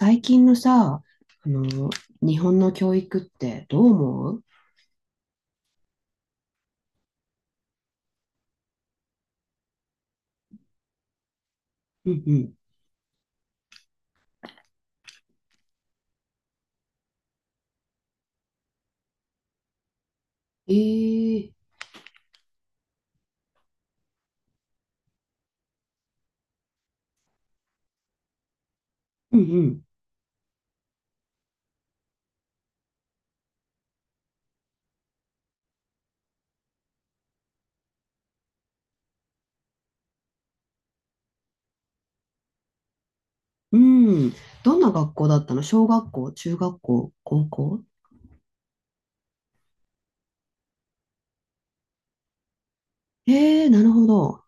最近のさ、あの、日本の教育ってどう思う？うんうん。ええうんうん。うん。どんな学校だったの？小学校、中学校、高校？ええなるほど。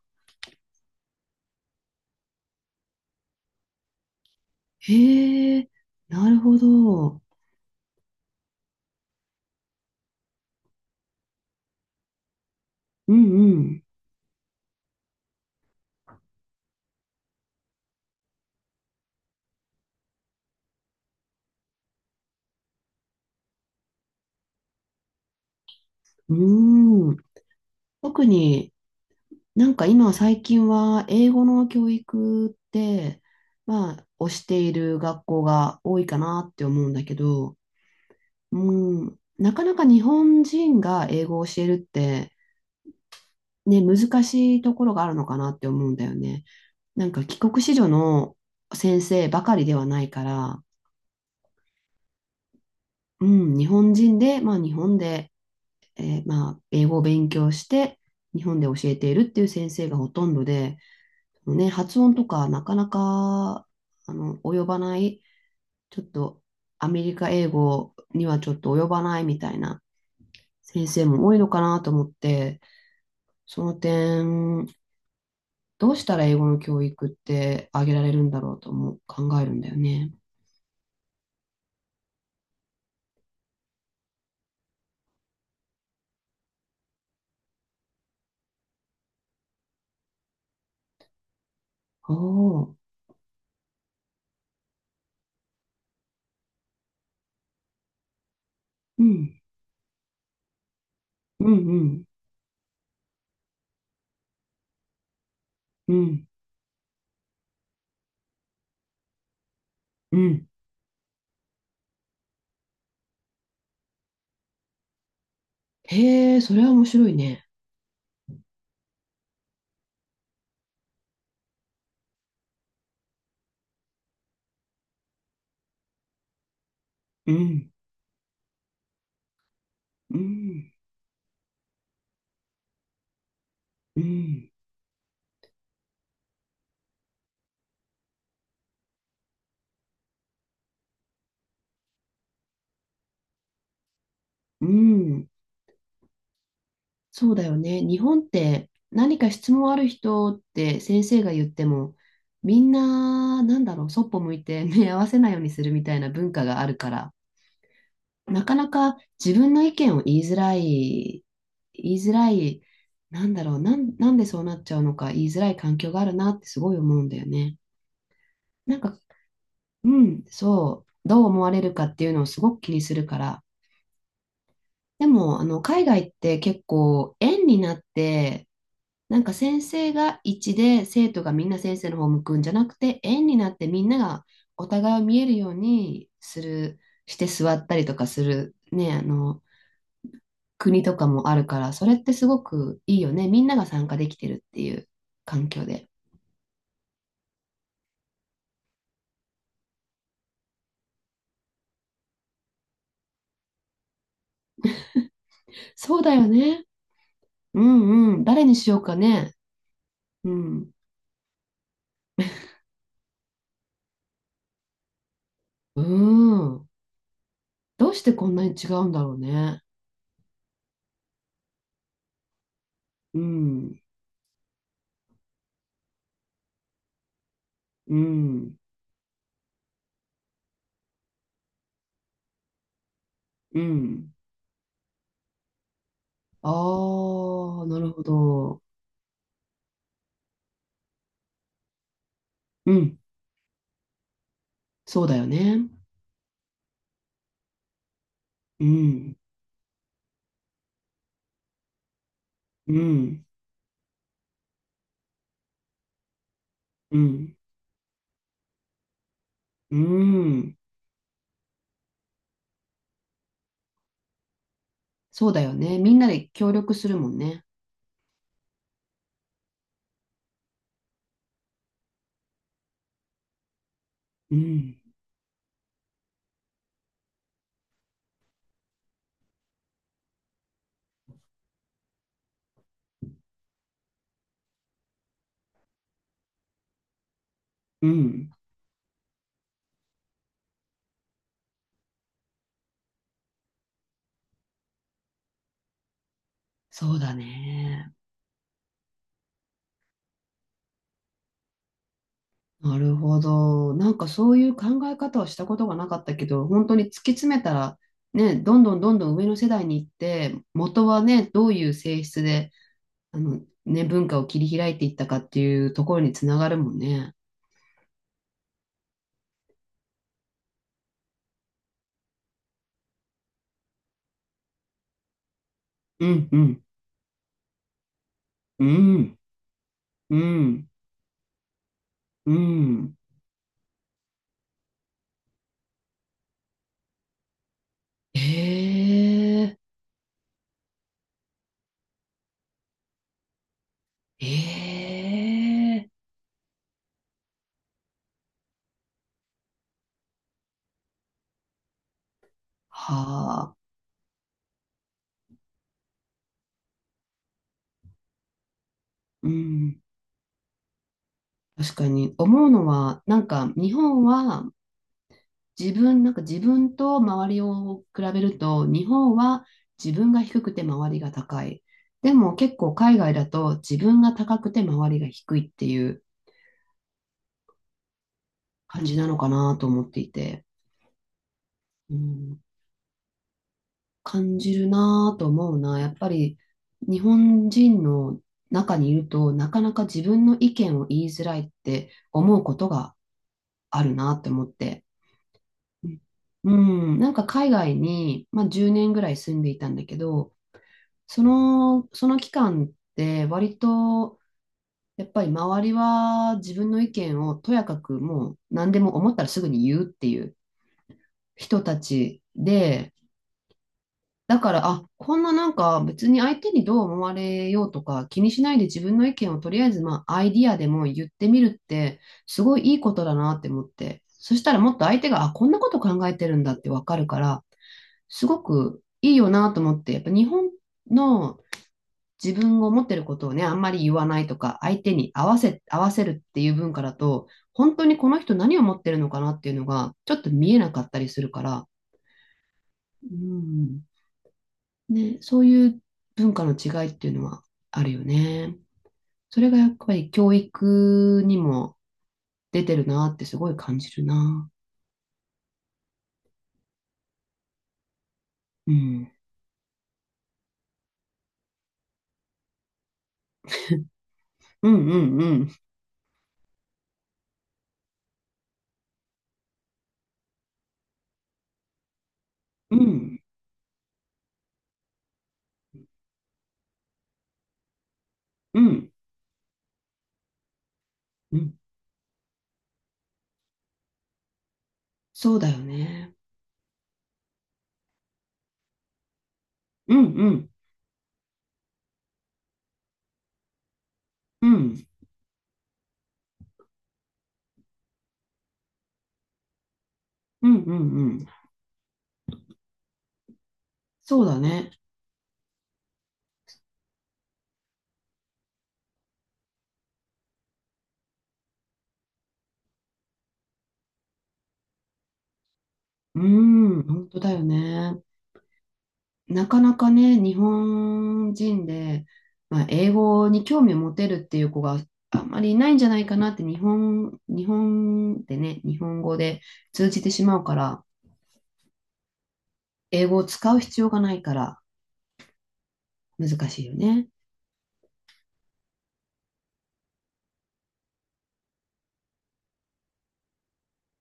ええなるほど。うんうん。うん。特になんか今最近は英語の教育って、まあ、推している学校が多いかなって思うんだけど、うん、なかなか日本人が英語を教えるって、ね、難しいところがあるのかなって思うんだよね。なんか帰国子女の先生ばかりではないから、うん、日本人で、まあ日本で、まあ英語を勉強して、日本で教えているっていう先生がほとんどで、ね、発音とかなかなか、及ばない、ちょっとアメリカ英語にはちょっと及ばないみたいな先生も多いのかなと思って、その点、どうしたら英語の教育ってあげられるんだろうとも考えるんだよね。おお、うん、うん、うん、うん、うん。へえ、それは面白いね。うん、うん、うん、うん。そうだよね。日本って何か質問ある人って先生が言っても、みんな、なんだろう、そっぽ向いて 目合わせないようにするみたいな文化があるから、なかなか自分の意見を言いづらい言いづらい、なんだろう、なんでそうなっちゃうのか言いづらい環境があるなってすごい思うんだよね。なんか、うん、そう、どう思われるかっていうのをすごく気にするから。でも、海外って結構、円になって、なんか先生が一で生徒がみんな先生の方向くんじゃなくて、円になってみんながお互いを見えるようにする、して座ったりとかする、ね、国とかもあるから、それってすごくいいよね。みんなが参加できてるっていう環境で。そうだよね。うんうん。誰にしようかね。うん。うん。どうしてこんなに違うんだろうね。うん。うん。うん。ああ、なるほど。うん。そうだよね。うん。うん。うん。うん。そうだよね。みんなで協力するもんね。うん。うん。そうだね。なるほど。なんかそういう考え方をしたことがなかったけど、本当に突き詰めたら、ね、どんどんどんどん上の世代に行って、元はね、どういう性質で、ね、文化を切り開いていったかっていうところにつながるもんね。うん、うん、うん、うん、うん。ええ、ええ、はあ、うん。確かに思うのは、なんか日本はなんか自分と周りを比べると、日本は自分が低くて周りが高い。でも結構海外だと自分が高くて周りが低いっていう感じなのかなと思っていて、うん、感じるなと思うな。やっぱり日本人の中にいると、なかなか自分の意見を言いづらいって思うことがあるなって思って。うん、なんか海外に、まあ、10年ぐらい住んでいたんだけど、その期間って割とやっぱり周りは自分の意見をとやかくもう何でも思ったらすぐに言うっていう人たちで、だから、あ、こんななんか別に相手にどう思われようとか気にしないで自分の意見をとりあえずまあアイディアでも言ってみるってすごいいいことだなって思って、そしたらもっと相手が、あ、こんなこと考えてるんだってわかるから、すごくいいよなと思って、やっぱ日本の自分を持ってることをね、あんまり言わないとか、相手に合わせるっていう文化だと、本当にこの人何を持ってるのかなっていうのが、ちょっと見えなかったりするから、うん、ね、そういう文化の違いっていうのはあるよね。それがやっぱり教育にも出てるなってすごい感じるな。うん。うんうんうん。うん。うん。うん。そうだよね。うんうん。うん。うんうんうん。そうだね。うん。本当だよね。なかなかね、日本人で、まあ、英語に興味を持てるっていう子があんまりいないんじゃないかなって、日本でね、日本語で通じてしまうから、英語を使う必要がないから難しいよね。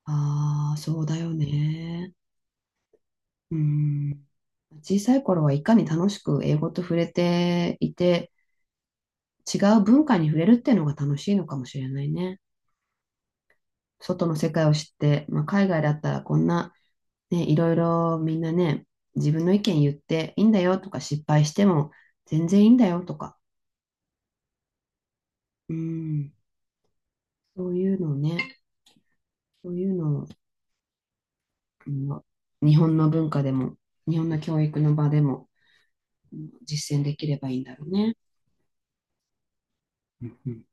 ああ、そうだよね。うん。小さい頃はいかに楽しく英語と触れていて、違う文化に触れるっていうのが楽しいのかもしれないね。外の世界を知って、まあ、海外だったらこんなね、いろいろみんなね、自分の意見言っていいんだよとか、失敗しても全然いいんだよとか、うん、そういうのをね、そういうのを、うん、日本の文化でも、日本の教育の場でも、うん、実践できればいいんだろうね。うんうん